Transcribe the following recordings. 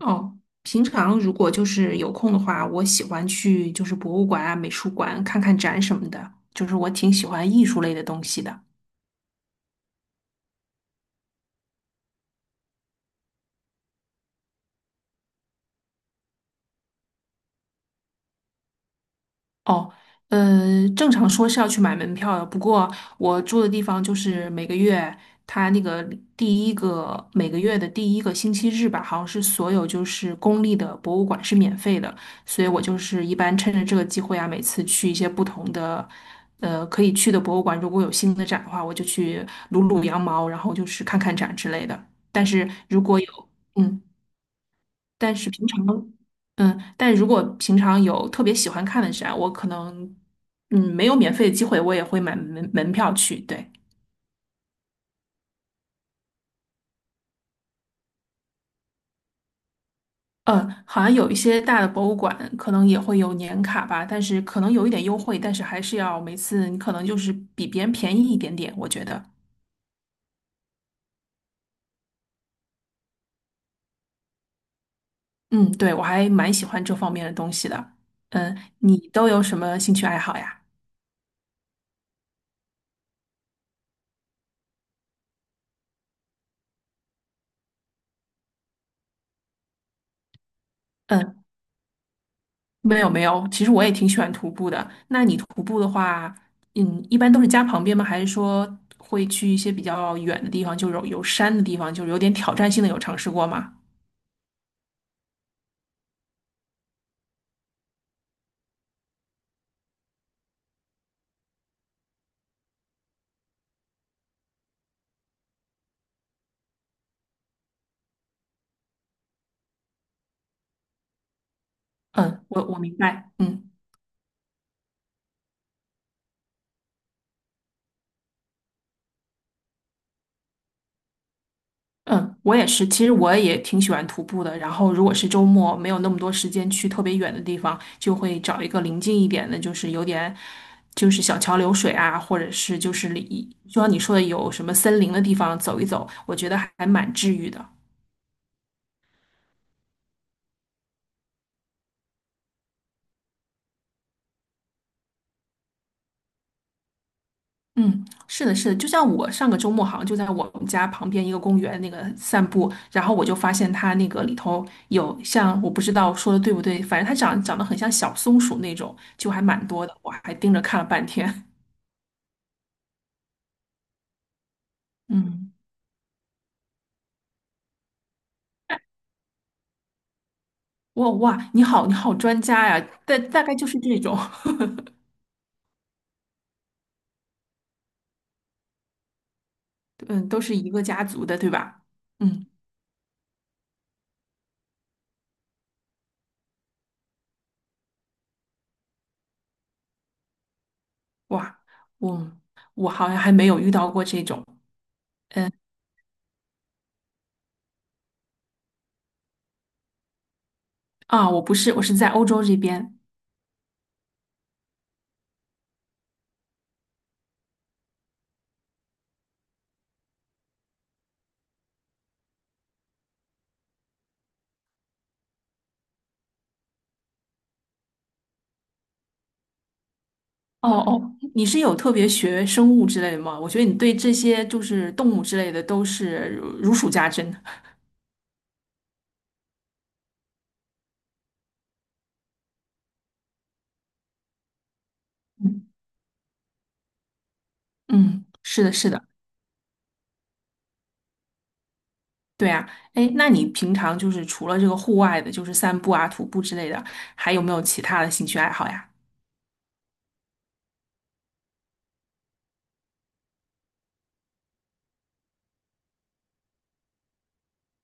哦，平常如果就是有空的话，我喜欢去就是博物馆啊、美术馆看看展什么的，就是我挺喜欢艺术类的东西的。哦，正常说是要去买门票的，不过我住的地方就是每个月，它那个第一个每个月的第一个星期日吧，好像是所有就是公立的博物馆是免费的，所以我就是一般趁着这个机会啊，每次去一些不同的，可以去的博物馆，如果有新的展的话，我就去撸撸羊毛，然后就是看看展之类的。但是如果有，嗯。但是平常，嗯，但如果平常有特别喜欢看的展，我可能，嗯，没有免费的机会，我也会买门票去。对，嗯，好像有一些大的博物馆可能也会有年卡吧，但是可能有一点优惠，但是还是要每次你可能就是比别人便宜一点点，我觉得。嗯，对，我还蛮喜欢这方面的东西的。嗯，你都有什么兴趣爱好呀？嗯。没有没有，其实我也挺喜欢徒步的。那你徒步的话，嗯，一般都是家旁边吗？还是说会去一些比较远的地方，就是有山的地方，就是有点挑战性的，有尝试过吗？嗯，我明白，嗯嗯，我也是。其实我也挺喜欢徒步的。然后如果是周末没有那么多时间去特别远的地方，就会找一个临近一点的，就是有点就是小桥流水啊，或者是就是里，就像你说的有什么森林的地方走一走，我觉得还蛮治愈的。嗯，是的，是的，就像我上个周末好像就在我们家旁边一个公园那个散步，然后我就发现它那个里头有像我不知道说的对不对，反正它长得很像小松鼠那种，就还蛮多的，我还盯着看了半天。嗯，哇哇，你好，你好专家呀，大概就是这种，嗯，都是一个家族的，对吧？嗯，哇，我我好像还没有遇到过这种啊，我不是，我是在欧洲这边。哦哦，你是有特别学生物之类的吗？我觉得你对这些就是动物之类的都是如数家珍。嗯，嗯，是的，是的，对啊。哎，那你平常就是除了这个户外的，就是散步啊、徒步之类的，还有没有其他的兴趣爱好呀？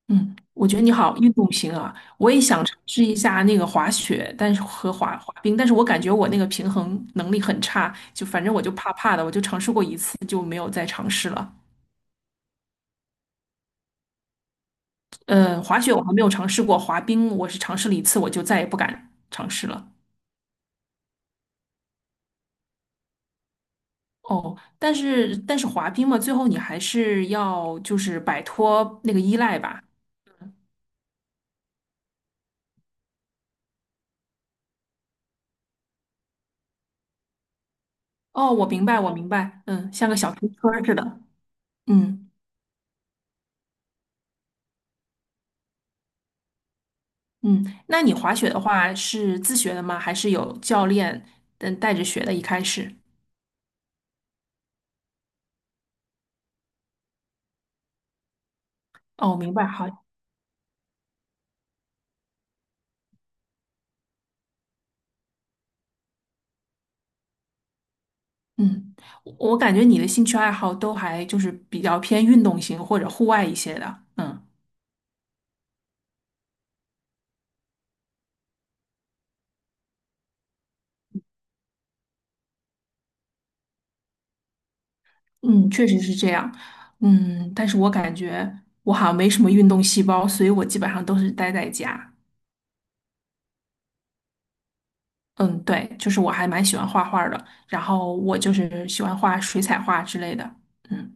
嗯，我觉得你好运动型啊，我也想尝试一下那个滑雪，但是和滑冰，但是我感觉我那个平衡能力很差，就反正我就怕怕的，我就尝试过一次就没有再尝试了。滑雪我还没有尝试过，滑冰我是尝试了一次，我就再也不敢尝试了。哦，但是滑冰嘛，最后你还是要就是摆脱那个依赖吧。哦，我明白，我明白，嗯，像个小推车儿似的。嗯嗯，那你滑雪的话是自学的吗？还是有教练嗯带着学的？一开始？哦，明白，好，嗯，我感觉你的兴趣爱好都还就是比较偏运动型或者户外一些的。嗯。嗯，确实是这样。嗯，但是我感觉我好像没什么运动细胞，所以我基本上都是待在家。嗯，对，就是我还蛮喜欢画画儿的，然后我就是喜欢画水彩画之类的。嗯，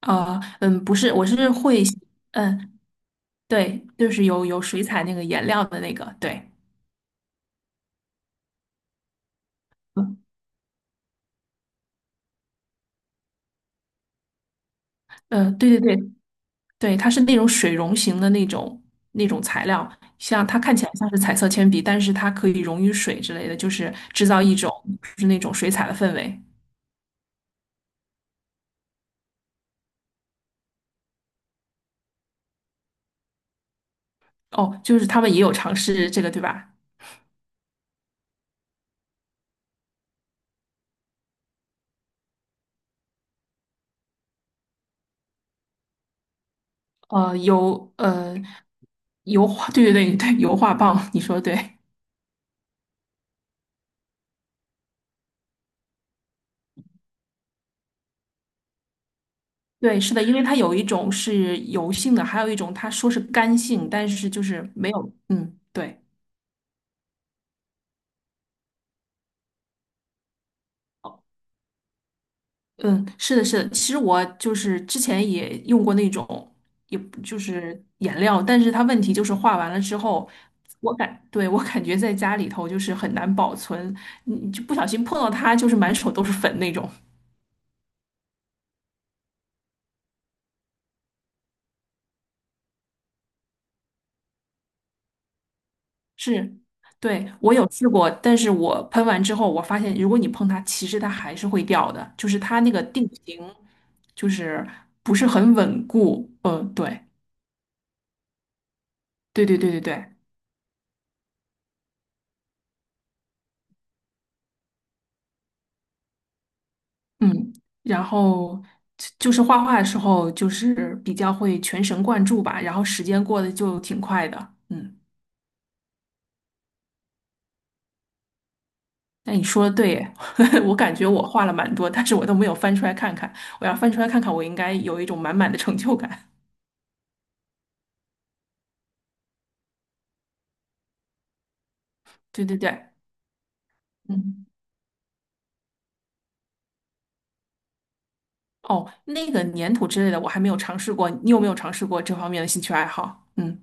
嗯，不是，我是会，嗯，对，就是有水彩那个颜料的那个，对，嗯，对对对，对，它是那种水溶型的那种那种材料，像它看起来像是彩色铅笔，但是它可以溶于水之类的，就是制造一种就是那种水彩的氛围。哦，就是他们也有尝试这个，对吧？呃，油呃油画，对对对对，油画棒，你说的对。对，是的，因为它有一种是油性的，还有一种它说是干性，但是就是没有，嗯，对。哦嗯，是的，是的。其实我就是之前也用过那种，也不就是颜料，但是它问题就是画完了之后，对，我感觉在家里头就是很难保存，你就不小心碰到它，就是满手都是粉那种。是，对，我有试过，但是我喷完之后，我发现如果你碰它，其实它还是会掉的，就是它那个定型就是不是很稳固。嗯，对，对对对对对。嗯，然后就是画画的时候，就是比较会全神贯注吧，然后时间过得就挺快的。嗯，那你说的对耶，我感觉我画了蛮多，但是我都没有翻出来看看。我要翻出来看看，我应该有一种满满的成就感。对对对，嗯，哦，那个粘土之类的我还没有尝试过，你有没有尝试过这方面的兴趣爱好？嗯，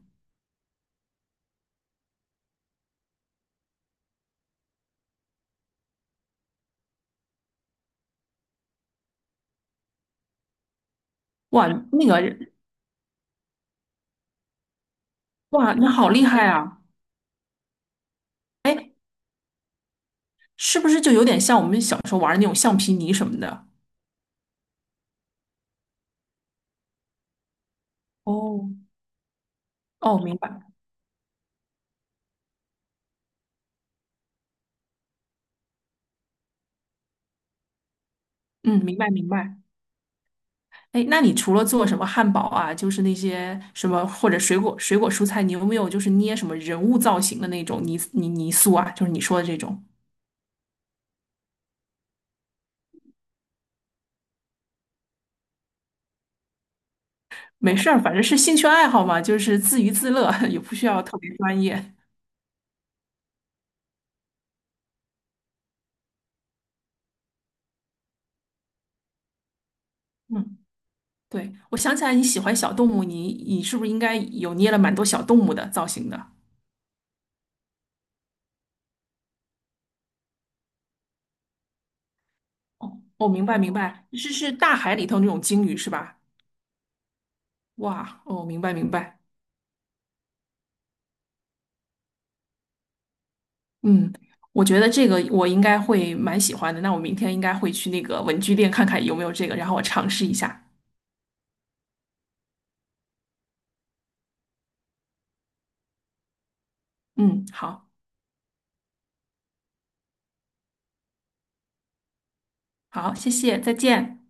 哇，那个，哇，你好厉害啊！哎，是不是就有点像我们小时候玩的那种橡皮泥什么的？哦，哦，明白。嗯，明白明白。哎，那你除了做什么汉堡啊，就是那些什么或者水果、水果蔬菜，你有没有就是捏什么人物造型的那种泥塑啊？就是你说的这种。没事儿，反正是兴趣爱好嘛，就是自娱自乐，也不需要特别专业。嗯，对，我想起来你喜欢小动物，你是不是应该有捏了蛮多小动物的造型的？哦，明白明白，是是大海里头那种鲸鱼是吧？哇，哦，明白明白。嗯，我觉得这个我应该会蛮喜欢的。那我明天应该会去那个文具店看看有没有这个，然后我尝试一下。嗯，好，好，谢谢，再见。